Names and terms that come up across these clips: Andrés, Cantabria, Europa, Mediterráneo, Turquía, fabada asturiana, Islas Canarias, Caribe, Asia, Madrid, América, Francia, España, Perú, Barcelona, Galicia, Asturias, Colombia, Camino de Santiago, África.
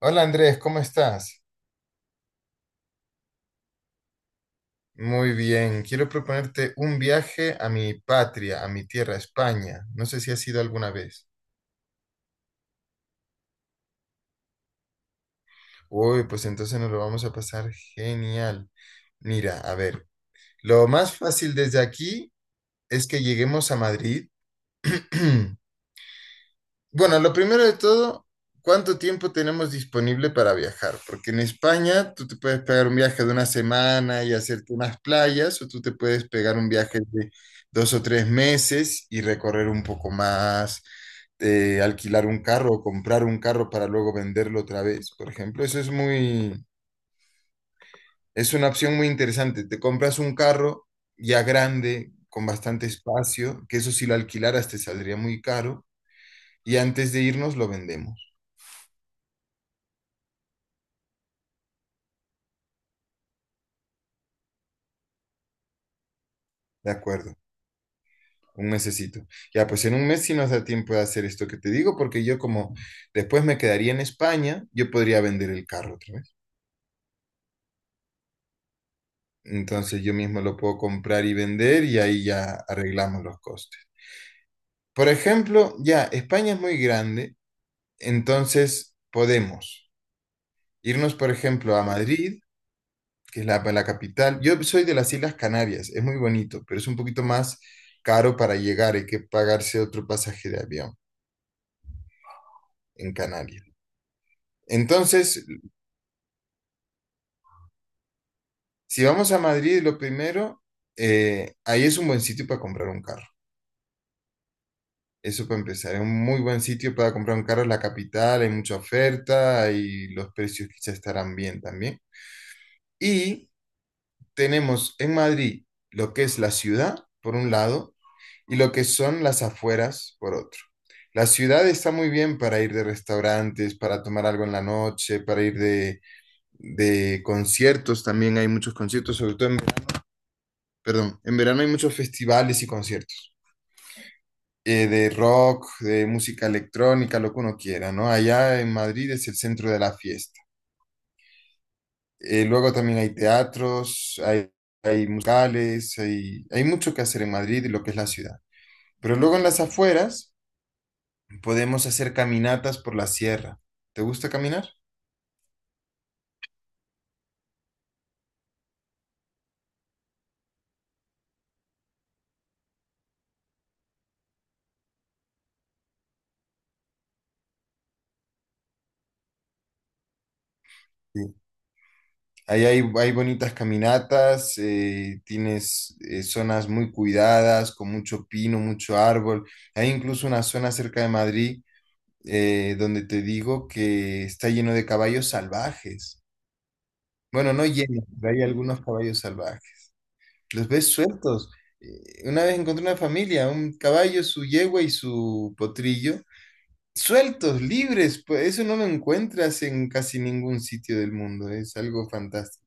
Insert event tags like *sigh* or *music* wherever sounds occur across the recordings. Hola Andrés, ¿cómo estás? Muy bien, quiero proponerte un viaje a mi patria, a mi tierra, España. No sé si has ido alguna vez. Uy, pues entonces nos lo vamos a pasar genial. Mira, a ver, lo más fácil desde aquí es que lleguemos a Madrid. *clears throat* Bueno, lo primero de todo, ¿cuánto tiempo tenemos disponible para viajar? Porque en España tú te puedes pegar un viaje de una semana y hacerte unas playas, o tú te puedes pegar un viaje de 2 o 3 meses y recorrer un poco más, alquilar un carro o comprar un carro para luego venderlo otra vez, por ejemplo. Es una opción muy interesante. Te compras un carro ya grande, con bastante espacio, que eso si lo alquilaras te saldría muy caro, y antes de irnos lo vendemos. De acuerdo, un mesecito. Ya, pues en un mes sí nos da tiempo de hacer esto que te digo, porque yo como después me quedaría en España, yo podría vender el carro otra vez. Entonces yo mismo lo puedo comprar y vender y ahí ya arreglamos los costes. Por ejemplo, ya, España es muy grande, entonces podemos irnos, por ejemplo, a Madrid, que es la, pues, la capital. Yo soy de las Islas Canarias, es muy bonito, pero es un poquito más caro para llegar, hay que pagarse otro pasaje de avión en Canarias. Entonces, si vamos a Madrid, lo primero, ahí es un buen sitio para comprar un carro. Eso para empezar, es un muy buen sitio para comprar un carro en la capital, hay mucha oferta y los precios quizás estarán bien también. Y tenemos en Madrid lo que es la ciudad, por un lado, y lo que son las afueras, por otro. La ciudad está muy bien para ir de restaurantes, para tomar algo en la noche, para ir de conciertos, también hay muchos conciertos, sobre todo en. Perdón, en verano hay muchos festivales y conciertos de rock, de música electrónica, lo que uno quiera, ¿no? Allá en Madrid es el centro de la fiesta. Luego también hay teatros, hay musicales, hay mucho que hacer en Madrid y lo que es la ciudad. Pero luego en las afueras podemos hacer caminatas por la sierra. ¿Te gusta caminar? Sí. Ahí hay bonitas caminatas, tienes zonas muy cuidadas, con mucho pino, mucho árbol. Hay incluso una zona cerca de Madrid donde te digo que está lleno de caballos salvajes. Bueno, no lleno, pero hay algunos caballos salvajes. Los ves sueltos. Una vez encontré una familia, un caballo, su yegua y su potrillo, sueltos, libres. Pues eso no lo encuentras en casi ningún sitio del mundo. Es algo fantástico.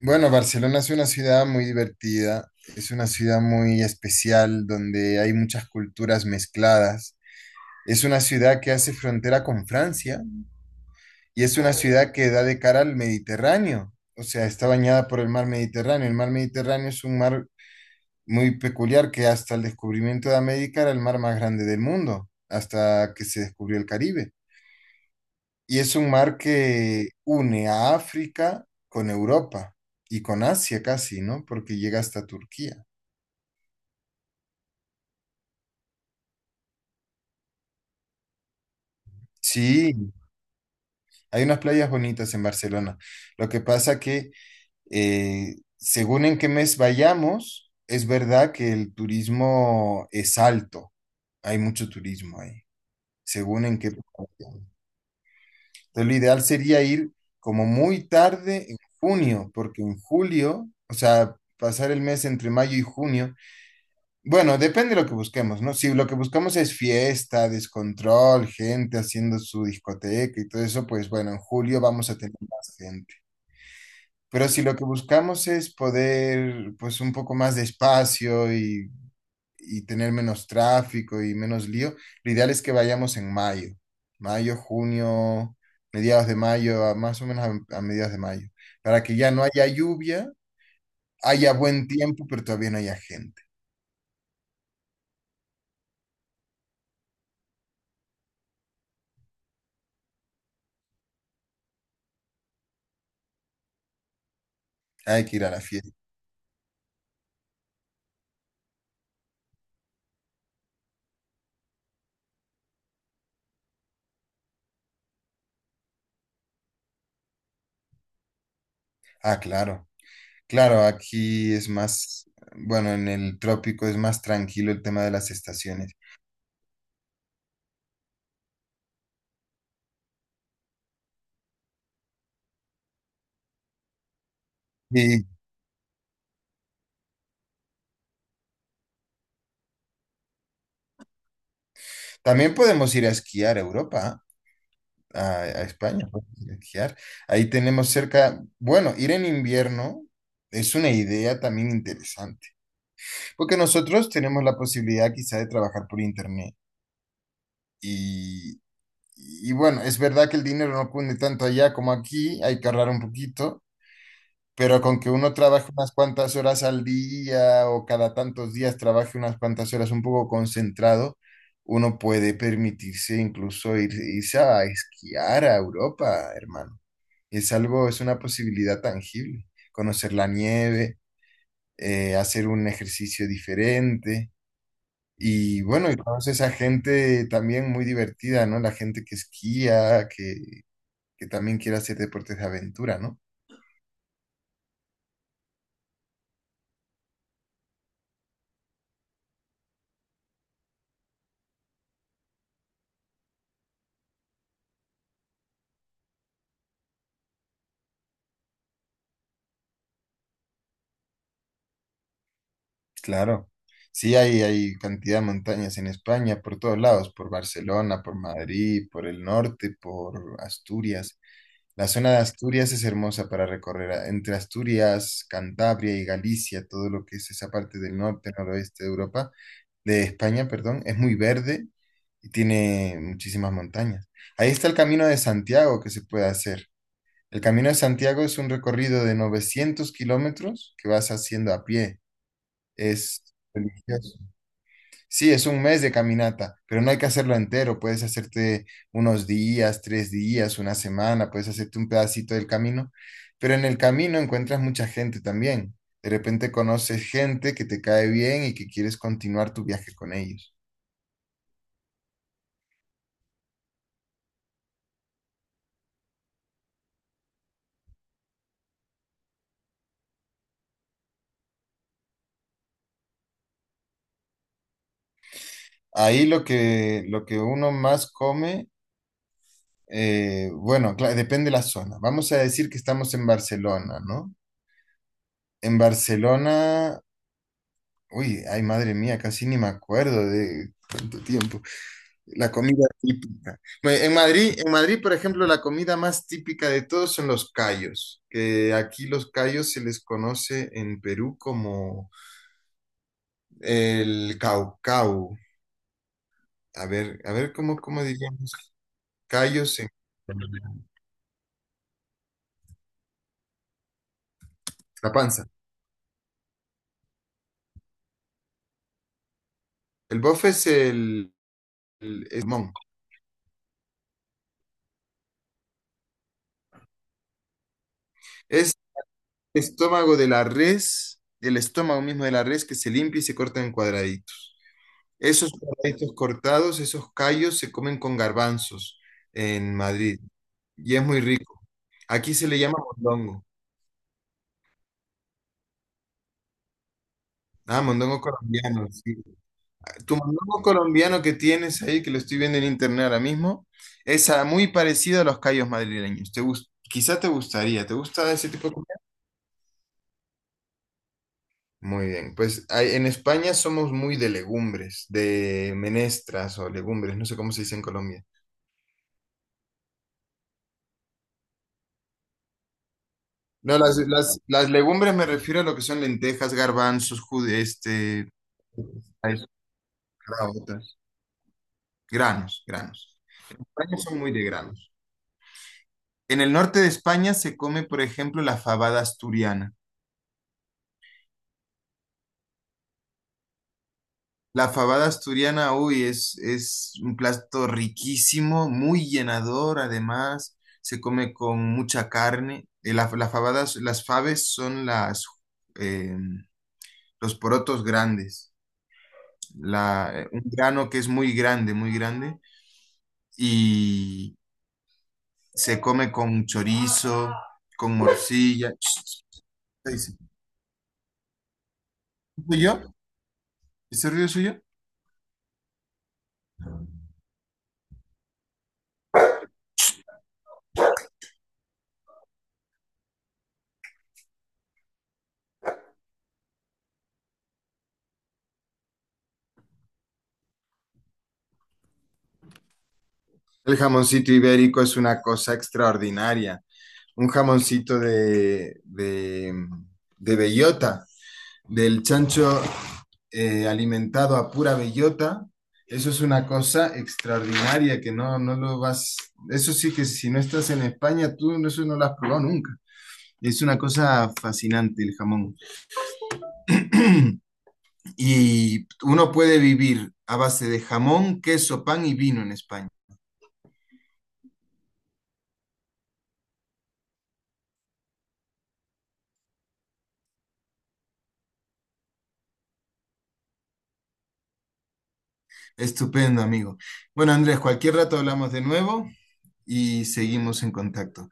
Bueno, Barcelona es una ciudad muy divertida, es una ciudad muy especial donde hay muchas culturas mezcladas. Es una ciudad que hace frontera con Francia, y es una ciudad que da de cara al Mediterráneo, o sea, está bañada por el mar Mediterráneo. El mar Mediterráneo es un mar muy peculiar que hasta el descubrimiento de América era el mar más grande del mundo, hasta que se descubrió el Caribe. Y es un mar que une a África con Europa y con Asia casi, ¿no? Porque llega hasta Turquía. Sí, hay unas playas bonitas en Barcelona. Lo que pasa que según en qué mes vayamos, es verdad que el turismo es alto. Hay mucho turismo ahí, según en qué época vayamos. Entonces, lo ideal sería ir como muy tarde en junio, porque en julio, o sea, pasar el mes entre mayo y junio, bueno, depende de lo que busquemos, ¿no? Si lo que buscamos es fiesta, descontrol, gente haciendo su discoteca y todo eso, pues bueno, en julio vamos a tener más gente. Pero si lo que buscamos es poder, pues, un poco más de espacio y tener menos tráfico y menos lío, lo ideal es que vayamos en mayo, mayo, junio, mediados de mayo, más o menos a mediados de mayo, para que ya no haya lluvia, haya buen tiempo, pero todavía no haya gente. Hay que ir a la fiesta. Ah, claro. Claro, aquí es más, bueno, en el trópico es más tranquilo el tema de las estaciones. Y también podemos ir a esquiar a Europa. ¿Ah? A España, pues, esquiar. Ahí tenemos cerca, bueno, ir en invierno es una idea también interesante, porque nosotros tenemos la posibilidad quizá de trabajar por internet y, y bueno, es verdad que el dinero no cunde tanto allá como aquí, hay que ahorrar un poquito, pero con que uno trabaje unas cuantas horas al día o cada tantos días trabaje unas cuantas horas un poco concentrado, uno puede permitirse incluso irse a esquiar a Europa, hermano. Es algo, es una posibilidad tangible. Conocer la nieve, hacer un ejercicio diferente. Y bueno, y conoces a gente también muy divertida, ¿no? La gente que esquía, que también quiere hacer deportes de aventura, ¿no? Claro. Sí, hay cantidad de montañas en España, por todos lados, por Barcelona, por Madrid, por el norte, por Asturias. La zona de Asturias es hermosa para recorrer. Entre Asturias, Cantabria y Galicia, todo lo que es esa parte del norte, noroeste de Europa, de España, perdón, es muy verde y tiene muchísimas montañas. Ahí está el Camino de Santiago que se puede hacer. El Camino de Santiago es un recorrido de 900 kilómetros que vas haciendo a pie. Es religioso. Sí, es un mes de caminata, pero no hay que hacerlo entero. Puedes hacerte unos días, 3 días, una semana, puedes hacerte un pedacito del camino, pero en el camino encuentras mucha gente también. De repente conoces gente que te cae bien y que quieres continuar tu viaje con ellos. Ahí lo que uno más come, bueno, depende de la zona. Vamos a decir que estamos en Barcelona, ¿no? En Barcelona, uy, ay madre mía, casi ni me acuerdo de cuánto tiempo. La comida típica. Bueno, en Madrid, en Madrid, por ejemplo, la comida más típica de todos son los callos, que aquí los callos se les conoce en Perú como el caucau. A ver cómo, cómo diríamos callos en la panza. El bofe es el jamón. Es el estómago de la res, el estómago mismo de la res que se limpia y se corta en cuadraditos. Esos cuadraditos cortados, esos callos se comen con garbanzos en Madrid y es muy rico. Aquí se le llama mondongo. Ah, mondongo colombiano. Sí. Tu mondongo colombiano que tienes ahí, que lo estoy viendo en internet ahora mismo, es muy parecido a los callos madrileños. Quizá te gustaría. ¿Te gusta ese tipo de comida? Muy bien. Pues en España somos muy de legumbres, de menestras o legumbres, no sé cómo se dice en Colombia. No, las legumbres me refiero a lo que son lentejas, garbanzos, jude, este, a eso, caraotas, granos, granos. En España son muy de granos. En el norte de España se come, por ejemplo, la fabada asturiana. La fabada asturiana, uy, es un plato riquísimo, muy llenador, además, se come con mucha carne. Las fabes son eh, los porotos grandes. Un grano que es muy grande, y se come con chorizo, con morcilla. ¿Suyo? ¿Ese ruido es suyo? El jamoncito ibérico es una cosa extraordinaria. Un jamoncito de bellota, del chancho alimentado a pura bellota. Eso es una cosa extraordinaria que no, no lo vas. Eso sí que si no estás en España, tú eso no lo has probado nunca. Es una cosa fascinante el jamón. *clears throat* Y uno puede vivir a base de jamón, queso, pan y vino en España. Estupendo, amigo. Bueno, Andrés, cualquier rato hablamos de nuevo y seguimos en contacto.